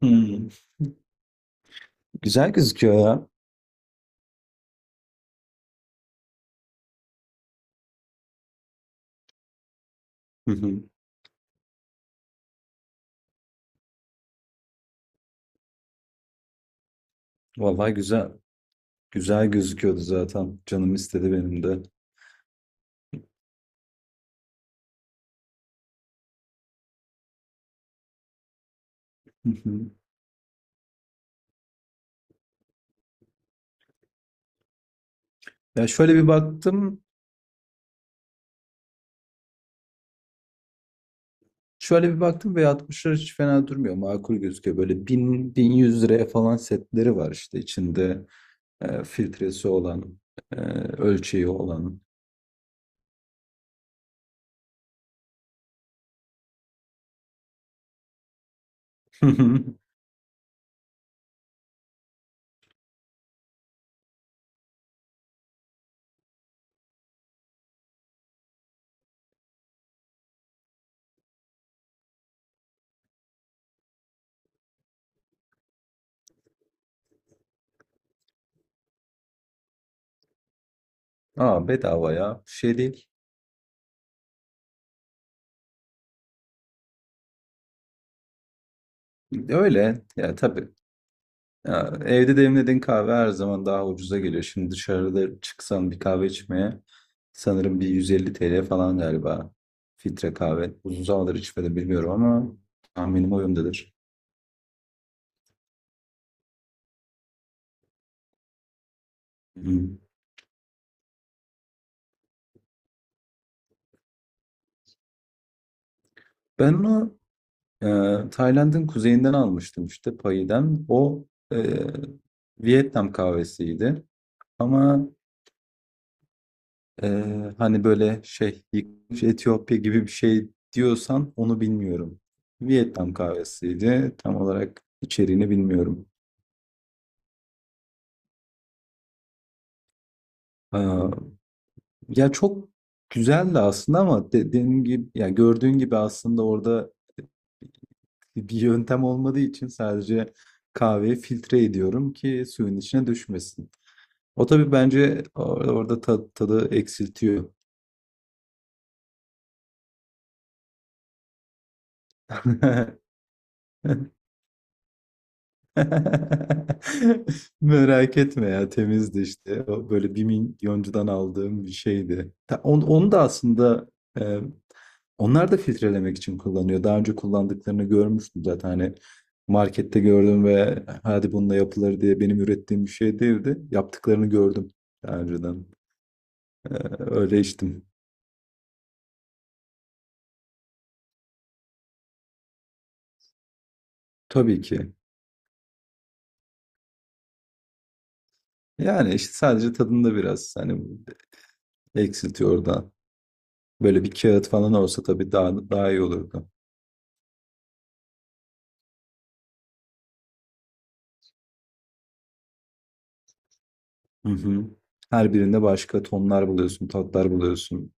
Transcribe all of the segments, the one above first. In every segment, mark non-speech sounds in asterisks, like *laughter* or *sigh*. Hmm. Güzel gözüküyor ya. Hı hı. Vallahi güzel. Güzel gözüküyordu zaten. Canım istedi benim de. Hı hı. Ya şöyle bir baktım. Şöyle bir baktım ve 60'lar hiç fena durmuyor. Makul gözüküyor. Böyle bin bin yüz liraya falan setleri var işte içinde filtresi olan, e, ölçeği olan. *laughs* Aa, bedava ya. Bir şey değil. Öyle. Ya, tabii. Ya, evde demlediğin kahve her zaman daha ucuza geliyor. Şimdi dışarıda çıksam bir kahve içmeye sanırım bir 150 TL falan galiba. Filtre kahve. Uzun zamandır içmedim, bilmiyorum, ama tahminim o yöndedir. Hı. Ben onu Tayland'ın kuzeyinden almıştım işte Payi'den. O e, Vietnam kahvesiydi. Ama Ee, hani böyle şey yıkmış Etiyopya gibi bir şey diyorsan onu bilmiyorum. Vietnam kahvesiydi. Tam olarak içeriğini bilmiyorum. Aa, ya çok güzeldi aslında, ama dediğim gibi, ya, gördüğün gibi aslında orada bir yöntem olmadığı için sadece kahveyi filtre ediyorum ki suyun içine düşmesin. O, tabii bence orada tadı eksiltiyor. *laughs* *laughs* Merak etme ya, temizdi işte. O, böyle bir milyoncudan aldığım bir şeydi. Onu da aslında e, onlar da filtrelemek için kullanıyor. Daha önce kullandıklarını görmüştüm zaten. Hani markette gördüm ve hadi bununla yapılır diye benim ürettiğim bir şey değildi. Yaptıklarını gördüm daha önceden. E, öyle içtim. Tabii ki. Yani işte sadece tadında biraz hani eksiltiyor oradan. Böyle bir kağıt falan olsa tabii daha iyi olurdu. Hı hı. Her birinde başka tonlar buluyorsun, tatlar buluyorsun.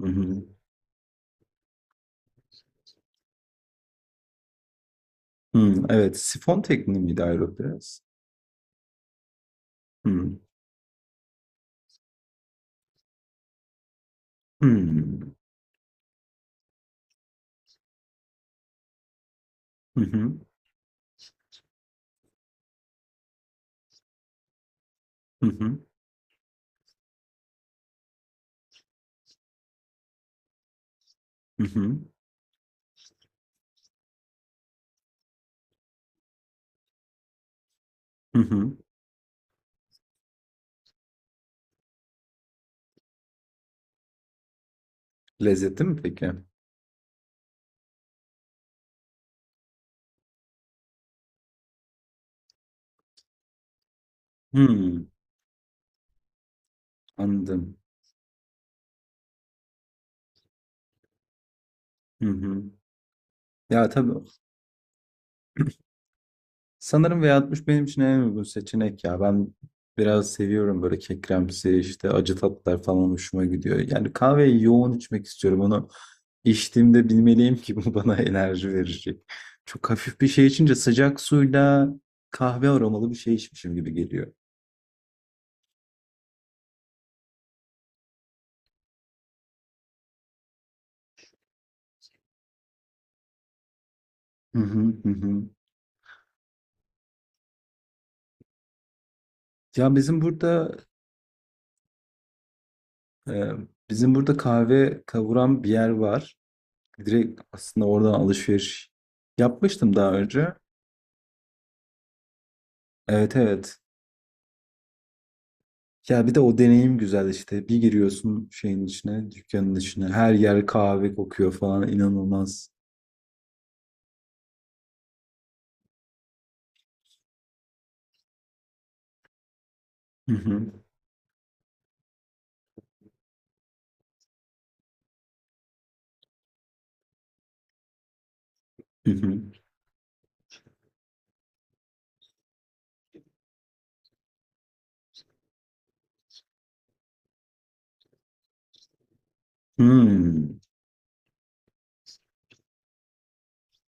Hı hı. Hı, evet, sifon tekniği miydi Aeropress? Hı. Hı. Hı hı. Hı hı. Hı hı. Hı hı. Lezzetli mi peki? Hı. Anladım. Hı hı. Ya, tabii. Sanırım V60 benim için en uygun seçenek ya. Ben biraz seviyorum böyle kekremsi işte, acı tatlar falan hoşuma gidiyor. Yani kahveyi yoğun içmek istiyorum. Onu içtiğimde bilmeliyim ki bu bana *laughs* enerji verecek. Çok hafif bir şey içince sıcak suyla kahve aromalı bir şey içmişim gibi geliyor. Hı hı hı. Hı. Ya bizim burada e, kahve kavuran bir yer var. Direkt aslında oradan alışveriş yapmıştım daha önce. Evet, evet. Ya bir de o deneyim güzel işte. Bir giriyorsun şeyin içine, dükkanın içine. Her yer kahve kokuyor falan. İnanılmaz. Hı hı. Hı hı. Hmm.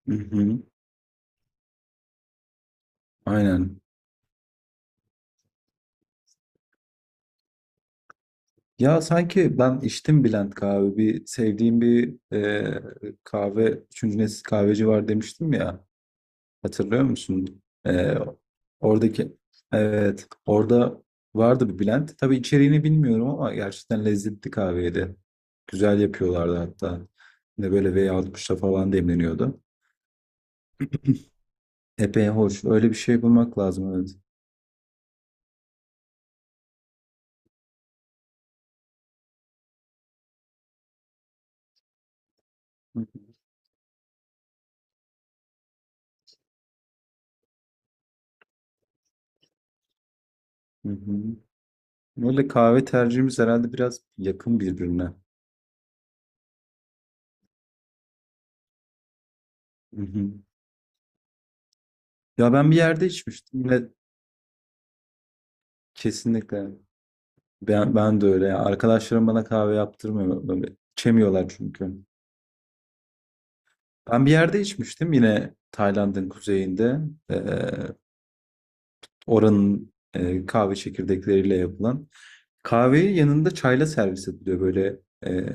Hı hı. Aynen. Ya sanki ben içtim Bülent kahve. Bir sevdiğim bir kahve, üçüncü nesil kahveci var demiştim ya. Hatırlıyor musun? Oradaki evet orada vardı bir blend. Tabii içeriğini bilmiyorum ama gerçekten lezzetli kahveydi. Güzel yapıyorlardı hatta. Ne böyle V60'ta falan demleniyordu. Epey hoş. Öyle bir şey bulmak lazım, evet. Hı hı. Öyle kahve tercihimiz herhalde biraz yakın birbirine. Hı hı. Ya ben bir yerde içmiştim. Yine. Kesinlikle. Ben de öyle ya. Arkadaşlarım bana kahve yaptırmıyor. Böyle içemiyorlar çünkü. Ben bir yerde içmiştim yine Tayland'ın kuzeyinde. Ee, oranın kahve çekirdekleriyle yapılan. Kahveyi yanında çayla servis ediliyor böyle. e,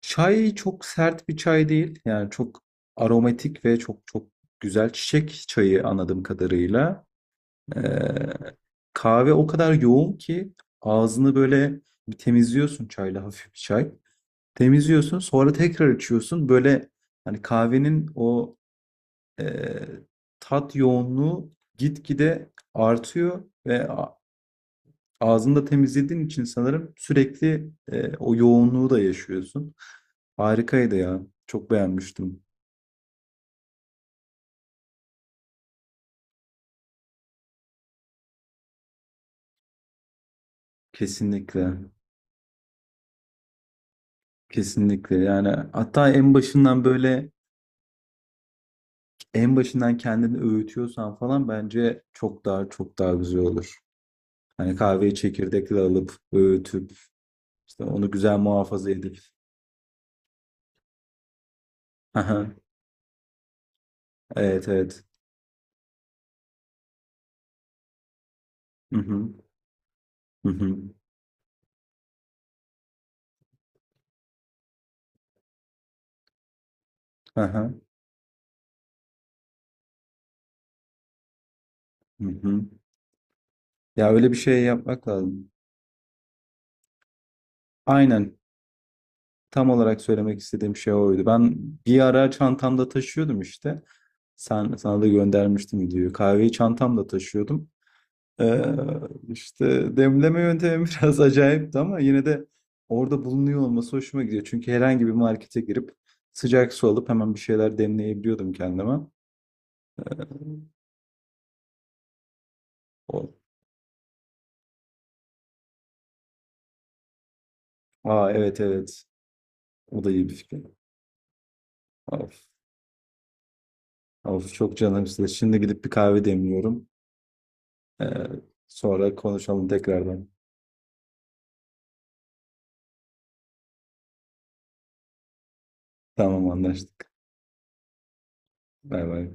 çay çok sert bir çay değil. Yani çok aromatik ve çok çok güzel çiçek çayı, anladığım kadarıyla. Ee, kahve o kadar yoğun ki ağzını böyle bir temizliyorsun çayla, hafif bir çay. Temizliyorsun, sonra tekrar içiyorsun. Böyle hani kahvenin o eee, tat yoğunluğu gitgide artıyor ve ağzını temizlediğin için sanırım sürekli, o yoğunluğu da yaşıyorsun. Harikaydı ya. Çok beğenmiştim. Kesinlikle. Kesinlikle. Yani hatta en başından kendini öğütüyorsan falan bence çok daha güzel olur. Hani kahveyi çekirdekle alıp öğütüp işte onu güzel muhafaza edip. Aha, evet, evet. Hı hı. Hı hı. Hı. Hı hı. Ya öyle bir şey yapmak lazım. Aynen. Tam olarak söylemek istediğim şey oydu. Ben bir ara çantamda taşıyordum işte. Sana da göndermiştim videoyu. Kahveyi çantamda taşıyordum. Ee, işte demleme yöntemi *laughs* biraz acayipti, ama yine de orada bulunuyor olması hoşuma gidiyor. Çünkü herhangi bir markete girip sıcak su alıp hemen bir şeyler demleyebiliyordum kendime. Ee, O, aa, evet, evet. O da iyi bir fikir. Of, of çok canım size. Şimdi gidip bir kahve demliyorum. Ee, sonra konuşalım tekrardan. Tamam, anlaştık. Bay bay.